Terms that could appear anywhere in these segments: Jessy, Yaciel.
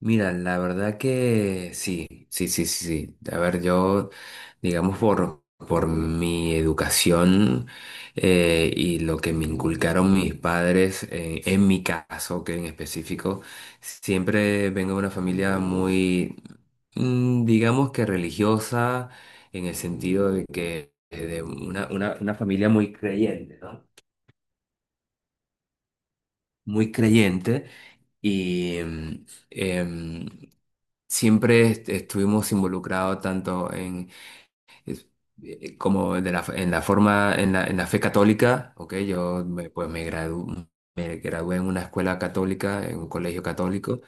Mira, la verdad que sí, sí, sí, sí, sí. A ver, yo, digamos, por mi educación y lo que me inculcaron mis padres, en mi caso, que en específico, siempre vengo de una familia muy, digamos que religiosa, en el sentido de que de una familia muy creyente, ¿no? Muy creyente y... mm, em, Siempre est- estuvimos involucrados tanto en es- como de la, en la forma en la fe católica, ¿ok? Pues me gradué en una escuela católica, en un colegio católico,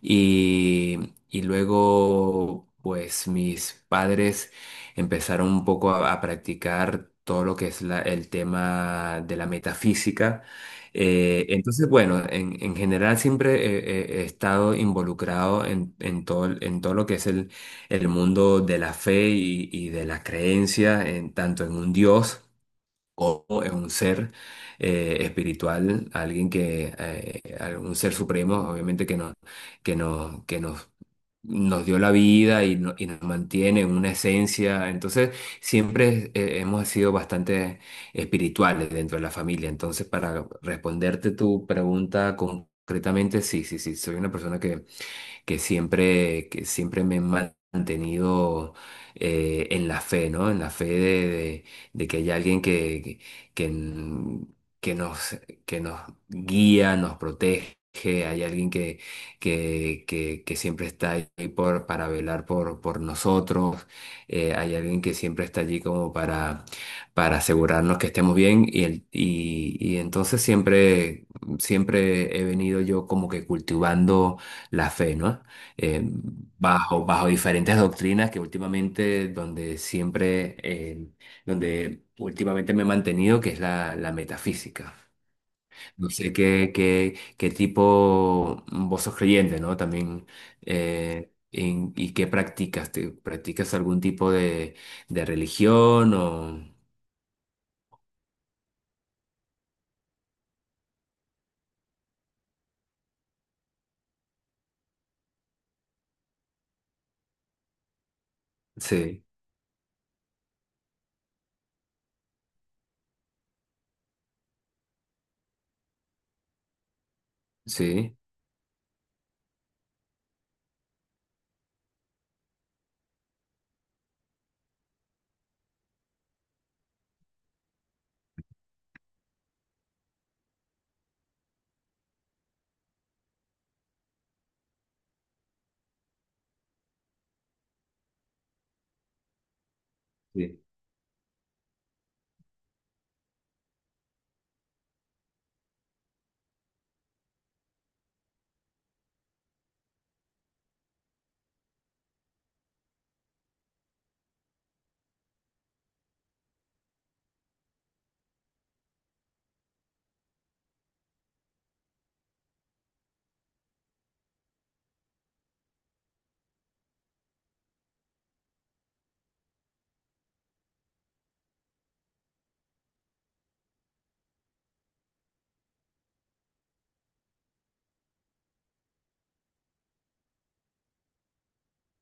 y, y luego, pues mis padres empezaron un poco a practicar todo lo que es el tema de la metafísica. Entonces, bueno, en general siempre he estado involucrado en todo lo que es el mundo de la fe y de la creencia, en, tanto en un Dios como es un ser espiritual, alguien que, un ser supremo, obviamente que nos dio la vida y, y nos mantiene en una esencia. Entonces, siempre hemos sido bastante espirituales dentro de la familia. Entonces, para responderte tu pregunta concretamente, sí, sí, sí, soy una persona que siempre me han mantenido en la fe, ¿no? En la fe de que hay alguien que n- que nos, que nos guía, nos protege, hay alguien que siempre está ahí para velar por nosotros, hay alguien que siempre está allí como para asegurarnos que estemos bien y y entonces siempre, siempre he venido yo como que cultivando la fe, ¿no? Eh, bajo diferentes doctrinas que últimamente, donde siempre, donde últimamente me he mantenido, que es la metafísica. No sé qué tipo vos sos creyente, ¿no? También, ¿y qué practicas? ¿Practicas algún tipo de religión o...? Sí, sí, sí,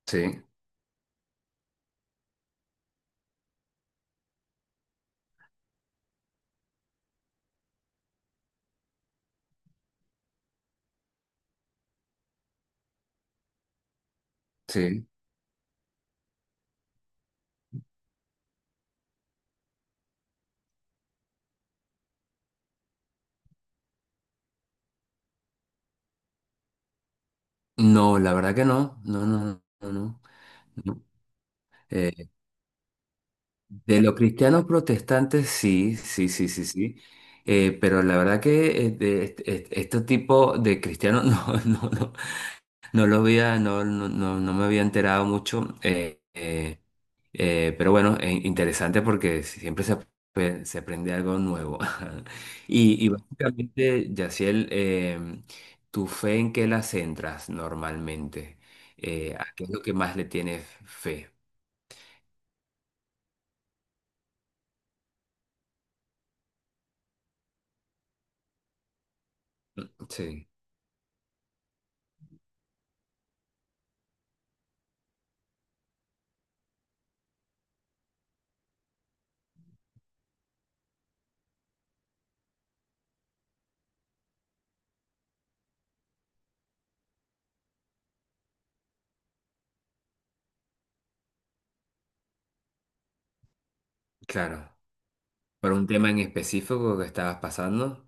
sí, sí. No, la verdad que no, no, no, no, no. No. Eh, De los cristianos protestantes, sí, sí, sí, sí, sí. Pero la verdad que de este tipo de cristianos no, no, no, no lo había, no, no, no, no me había enterado mucho. Pero bueno, interesante porque siempre se aprende algo nuevo. Y, y básicamente, Yaciel, ¿tu fe en qué la centras normalmente? ¿A qué es lo que más le tienes fe? Sí, claro. ¿Para un tema en específico que estabas pasando?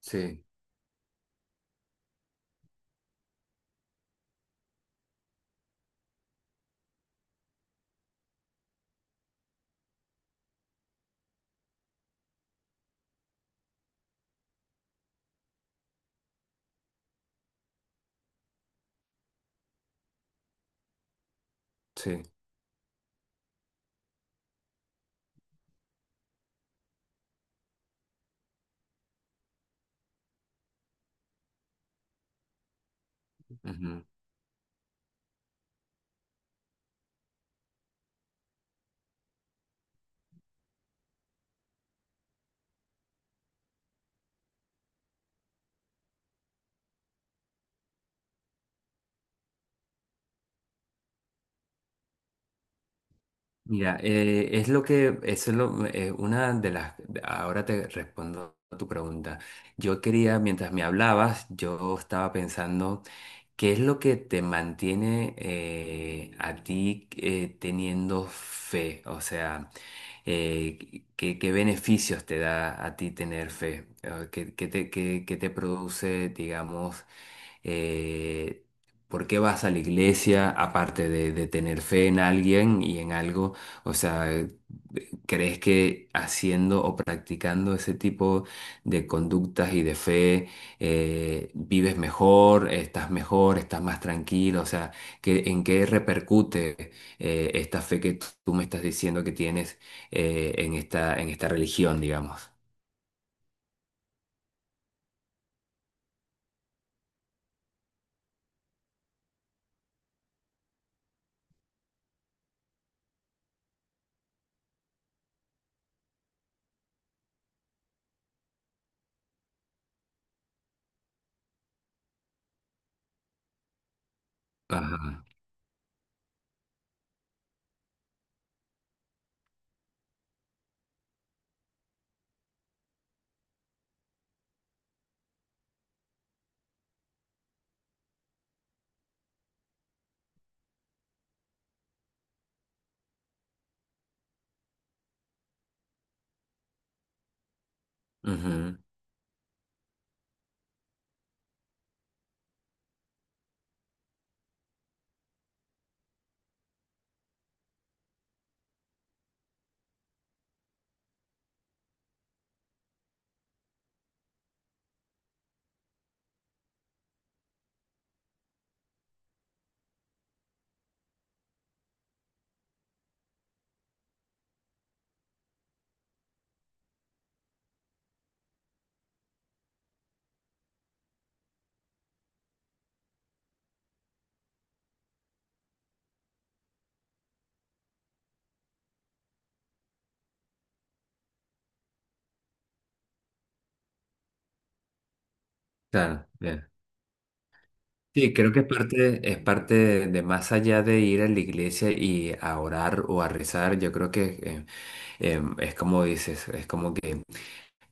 Sí, sí. Ujú. Mira, es lo que, eso es lo, una de las, ahora te respondo a tu pregunta. Yo quería, mientras me hablabas, yo estaba pensando, ¿qué es lo que te mantiene a ti teniendo fe? O sea, ¿qué beneficios te da a ti tener fe? ¿Qué te produce, digamos, eh, por qué vas a la iglesia aparte de tener fe en alguien y en algo? O sea, ¿crees que haciendo o practicando ese tipo de conductas y de fe vives mejor, estás más tranquilo, o sea, que, ¿en qué repercute esta fe que tú me estás diciendo que tienes en esta religión, digamos? Ajá. Ujú. Claro, bien. Sí, creo que es parte de más allá de ir a la iglesia y a orar o a rezar, yo creo que es como dices, es como que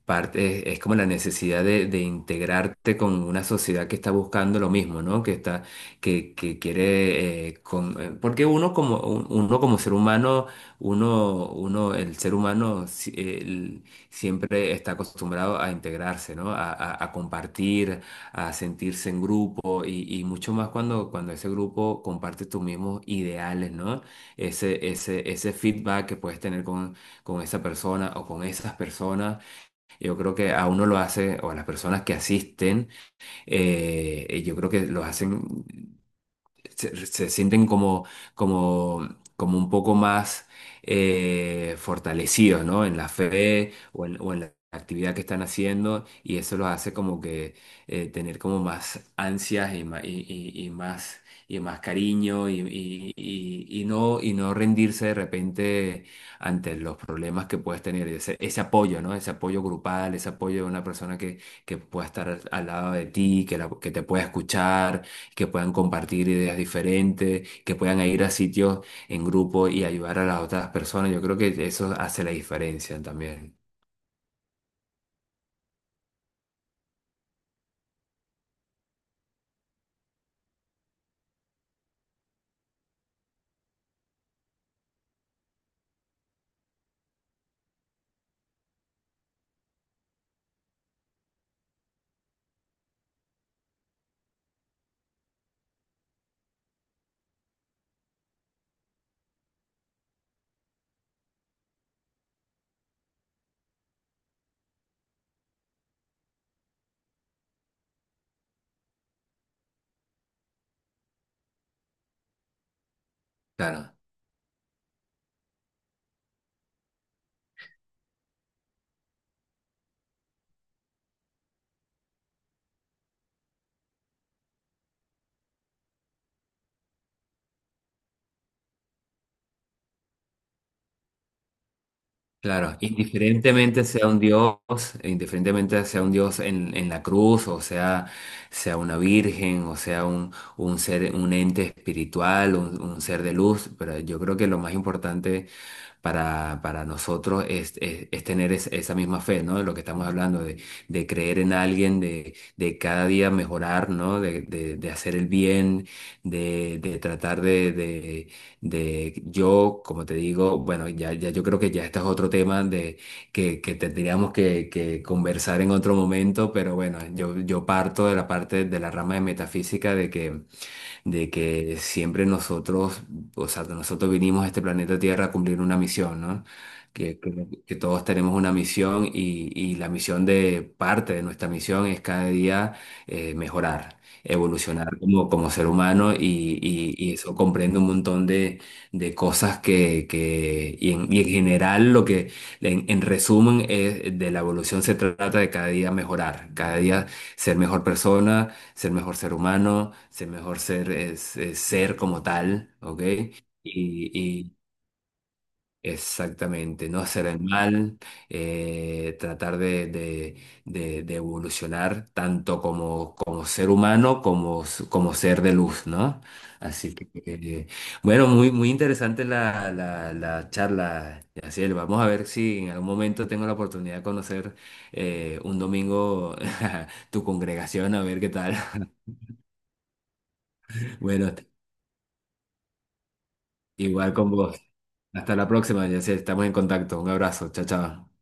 parte, es como la necesidad de integrarte con una sociedad que está buscando lo mismo, ¿no? Que está, que quiere, porque uno como, uno como ser humano, el ser humano siempre está acostumbrado a integrarse, ¿no? A compartir, a sentirse en grupo y mucho más cuando, cuando ese grupo comparte tus mismos ideales, ¿no? Ese feedback que puedes tener con esa persona o con esas personas, yo creo que a uno lo hace, o a las personas que asisten, yo creo que los hacen se sienten como, como, como un poco más fortalecidos, ¿no? En la fe o en la actividad que están haciendo y eso los hace como que tener como más ansias y más, y, y más cariño y, y no rendirse de repente ante los problemas que puedes tener, ese apoyo, ¿no? Ese apoyo grupal, ese apoyo de una persona que pueda estar al, al lado de ti, que, que te pueda escuchar, que puedan compartir ideas diferentes, que puedan ir a sitios en grupo y ayudar a las otras personas. Yo creo que eso hace la diferencia también. Claro, claro. Indiferentemente sea un Dios, indiferentemente sea un Dios en la cruz, o sea, sea una virgen, o sea un ser, un ente espiritual, un ser de luz, pero yo creo que lo más importante para nosotros es, es tener esa misma fe, ¿no? De lo que estamos hablando, de creer en alguien, de cada día mejorar, ¿no? De, de hacer el bien, de tratar de, yo, como te digo, bueno, ya yo creo que ya este es otro tema de que tendríamos que conversar en otro momento, pero bueno, yo parto de la parte de la rama de metafísica de que siempre nosotros, o sea, que nosotros vinimos a este planeta Tierra a cumplir una misión, ¿no? Que todos tenemos una misión y la misión de parte de nuestra misión es cada día mejorar, evolucionar como, como ser humano y, y eso comprende un montón de cosas que y en general lo que, en resumen, es, de la evolución se trata de cada día mejorar, cada día ser mejor persona, ser mejor ser humano, ser mejor ser es ser como tal, ¿ok? Y exactamente, no hacer el mal, tratar de, de evolucionar tanto como, como ser humano como, como ser de luz, ¿no? Así que, bueno, muy, muy interesante la charla, Yaciel. Vamos a ver si en algún momento tengo la oportunidad de conocer un domingo tu congregación, a ver qué tal. Bueno, igual con vos. Hasta la próxima, Jessy. Estamos en contacto. Un abrazo. Chao, chao.